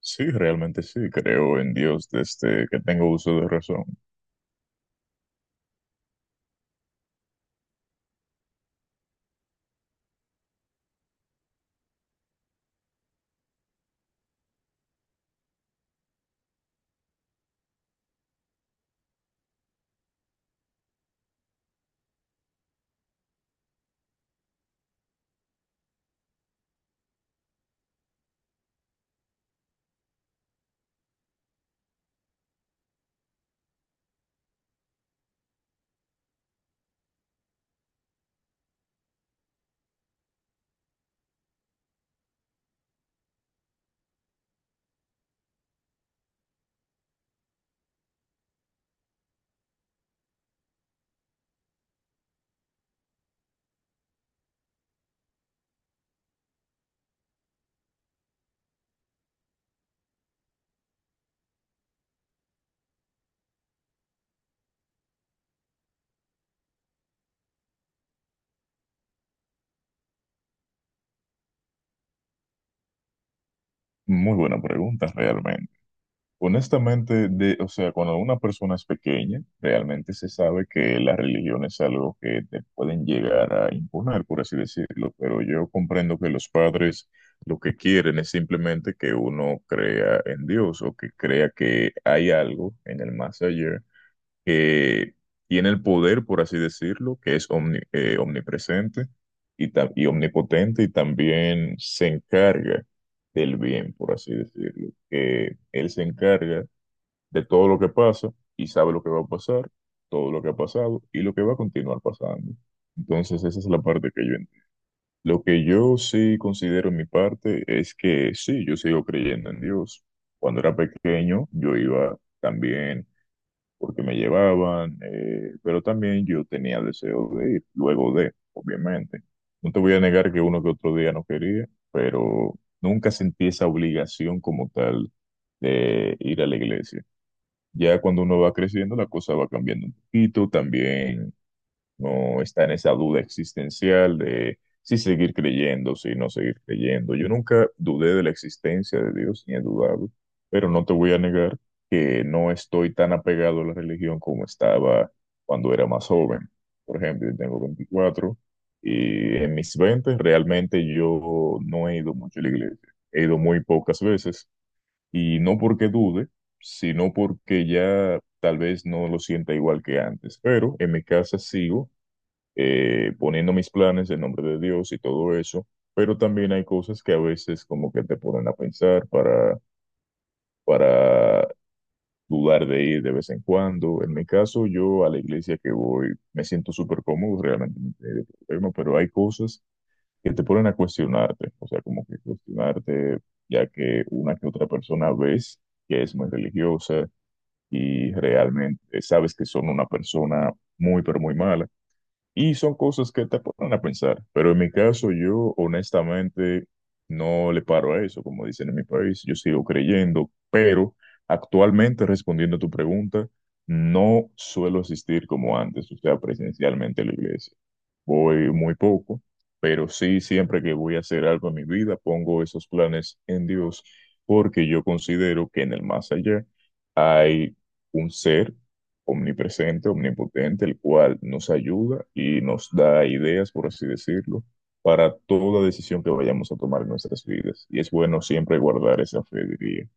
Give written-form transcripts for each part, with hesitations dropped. Sí, realmente sí, creo en Dios desde que tengo uso de razón. Muy buena pregunta, realmente. Honestamente, o sea, cuando una persona es pequeña, realmente se sabe que la religión es algo que te pueden llegar a imponer, por así decirlo, pero yo comprendo que los padres lo que quieren es simplemente que uno crea en Dios o que crea que hay algo en el más allá que tiene el poder, por así decirlo, que es omnipresente y, y omnipotente y también se encarga del bien, por así decirlo, que él se encarga de todo lo que pasa y sabe lo que va a pasar, todo lo que ha pasado y lo que va a continuar pasando. Entonces esa es la parte que yo entiendo. Lo que yo sí considero en mi parte es que sí, yo sigo creyendo en Dios. Cuando era pequeño, yo iba también porque me llevaban, pero también yo tenía deseo de ir, luego de, obviamente. No te voy a negar que uno que otro día no quería, pero nunca sentí esa obligación como tal de ir a la iglesia. Ya cuando uno va creciendo, la cosa va cambiando un poquito, también no está en esa duda existencial de si seguir creyendo, si no seguir creyendo. Yo nunca dudé de la existencia de Dios, ni he dudado, pero no te voy a negar que no estoy tan apegado a la religión como estaba cuando era más joven. Por ejemplo, yo tengo 24 y en mis 20 realmente yo no he ido mucho a la iglesia, he ido muy pocas veces y no porque dude, sino porque ya tal vez no lo sienta igual que antes, pero en mi casa sigo poniendo mis planes en nombre de Dios y todo eso, pero también hay cosas que a veces como que te ponen a pensar para dudar de ir de vez en cuando. En mi caso, yo a la iglesia que voy me siento súper cómodo, realmente no tengo problema, pero hay cosas que te ponen a cuestionarte, o sea, como que cuestionarte, ya que una que otra persona ves que es muy religiosa y realmente sabes que son una persona muy, pero muy mala. Y son cosas que te ponen a pensar, pero en mi caso yo honestamente no le paro a eso, como dicen en mi país, yo sigo creyendo, pero actualmente respondiendo a tu pregunta, no suelo asistir como antes, o sea, presencialmente a la iglesia. Voy muy poco, pero sí, siempre que voy a hacer algo en mi vida, pongo esos planes en Dios, porque yo considero que en el más allá hay un ser omnipresente, omnipotente, el cual nos ayuda y nos da ideas, por así decirlo, para toda decisión que vayamos a tomar en nuestras vidas. Y es bueno siempre guardar esa fe, diría.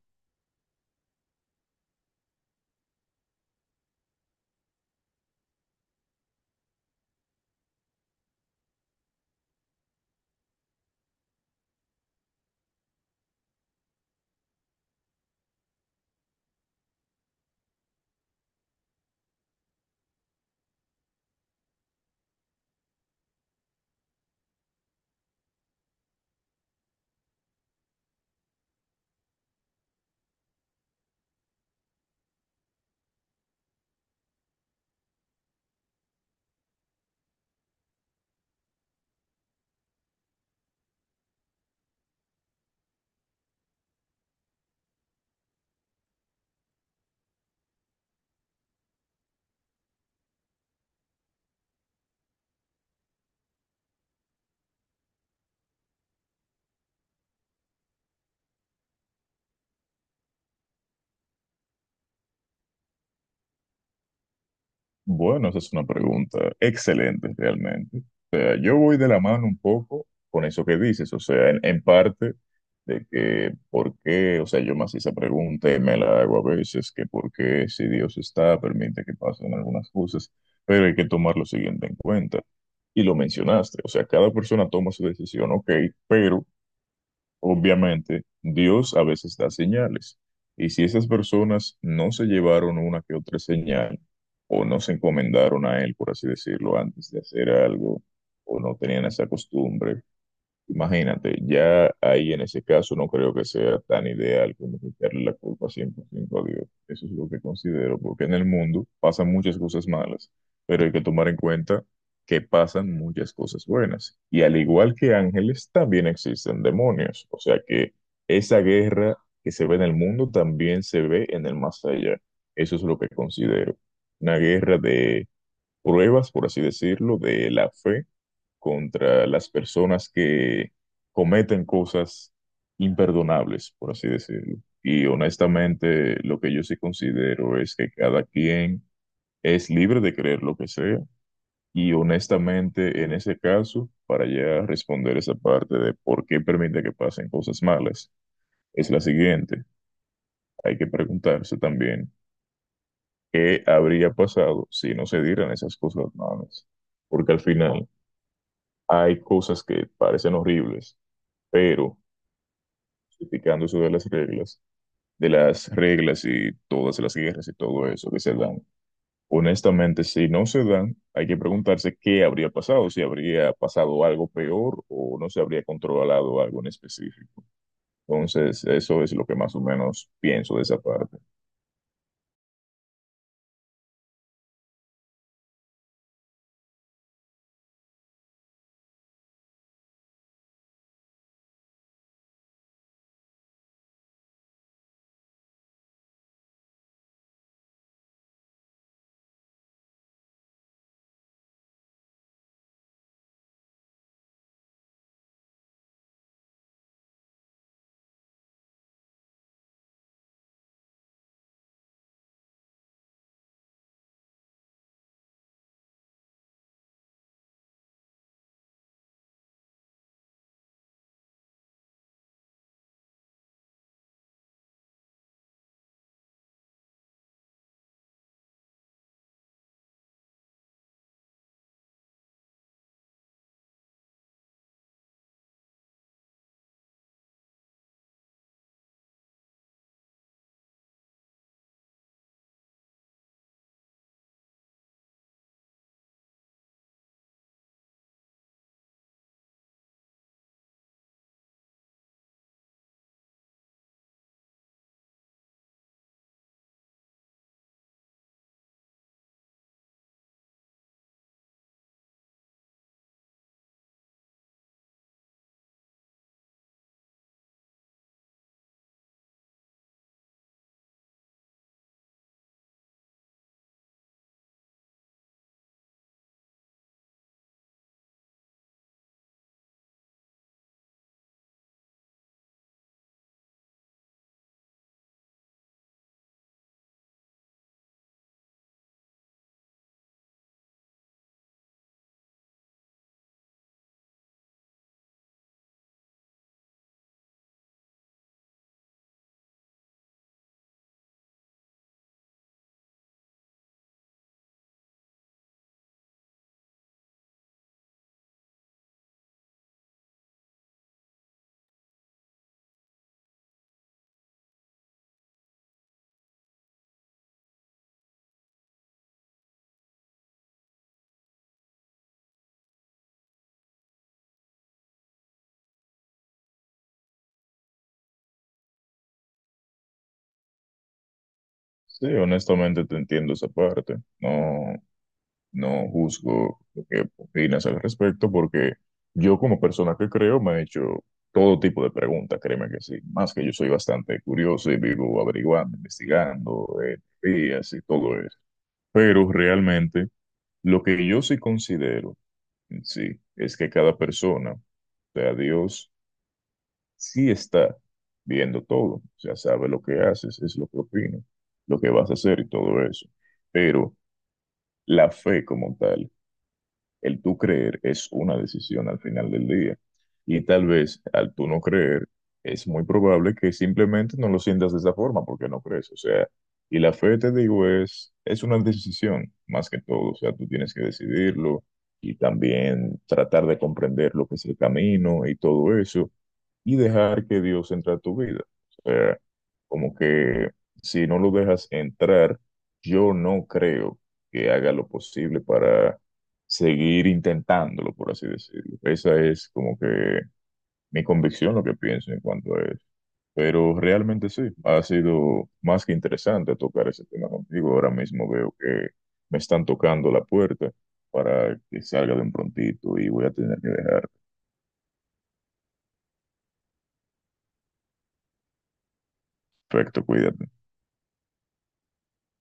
Bueno, esa es una pregunta excelente realmente. O sea, yo voy de la mano un poco con eso que dices, o sea, en parte de que por qué, o sea, yo me hacía esa pregunta y me la hago a veces, que por qué si Dios está, permite que pasen algunas cosas, pero hay que tomar lo siguiente en cuenta. Y lo mencionaste, o sea, cada persona toma su decisión, ok, pero obviamente, Dios a veces da señales, y si esas personas no se llevaron una que otra señal, o no se encomendaron a Él, por así decirlo, antes de hacer algo, o no tenían esa costumbre, imagínate, ya ahí en ese caso no creo que sea tan ideal como quitarle la culpa 100% a Dios. Eso es lo que considero, porque en el mundo pasan muchas cosas malas, pero hay que tomar en cuenta que pasan muchas cosas buenas. Y al igual que ángeles, también existen demonios. O sea que esa guerra que se ve en el mundo también se ve en el más allá. Eso es lo que considero. Una guerra de pruebas, por así decirlo, de la fe contra las personas que cometen cosas imperdonables, por así decirlo. Y honestamente, lo que yo sí considero es que cada quien es libre de creer lo que sea. Y honestamente, en ese caso, para ya responder esa parte de por qué permite que pasen cosas malas, es la siguiente. Hay que preguntarse también qué habría pasado si no se dieran esas cosas malas. Porque al final hay cosas que parecen horribles, pero explicando sobre las reglas, de las reglas y todas las guerras y todo eso que se dan. Honestamente, si no se dan, hay que preguntarse qué habría pasado, si habría pasado algo peor o no se habría controlado algo en específico. Entonces, eso es lo que más o menos pienso de esa parte. Sí, honestamente te entiendo esa parte. No, no juzgo lo que opinas al respecto porque yo como persona que creo me he hecho todo tipo de preguntas, créeme que sí. Más que yo soy bastante curioso y vivo averiguando, investigando, teorías y todo eso. Pero realmente lo que yo sí considero, en sí, es que cada persona, o sea, Dios sí está viendo todo. O sea, sabe lo que haces, es lo que opinas, lo que vas a hacer y todo eso. Pero la fe como tal. El tú creer es una decisión al final del día. Y tal vez al tú no creer, es muy probable que simplemente no lo sientas de esa forma porque no crees. O sea, y la fe, te digo, es una decisión más que todo. O sea, tú tienes que decidirlo y también tratar de comprender lo que es el camino y todo eso y dejar que Dios entre a tu vida. O sea, como que si no lo dejas entrar, yo no creo que haga lo posible para seguir intentándolo, por así decirlo. Esa es como que mi convicción, lo que pienso en cuanto a eso. Pero realmente sí, ha sido más que interesante tocar ese tema contigo. Ahora mismo veo que me están tocando la puerta para que salga de un prontito y voy a tener que dejar. Perfecto, cuídate.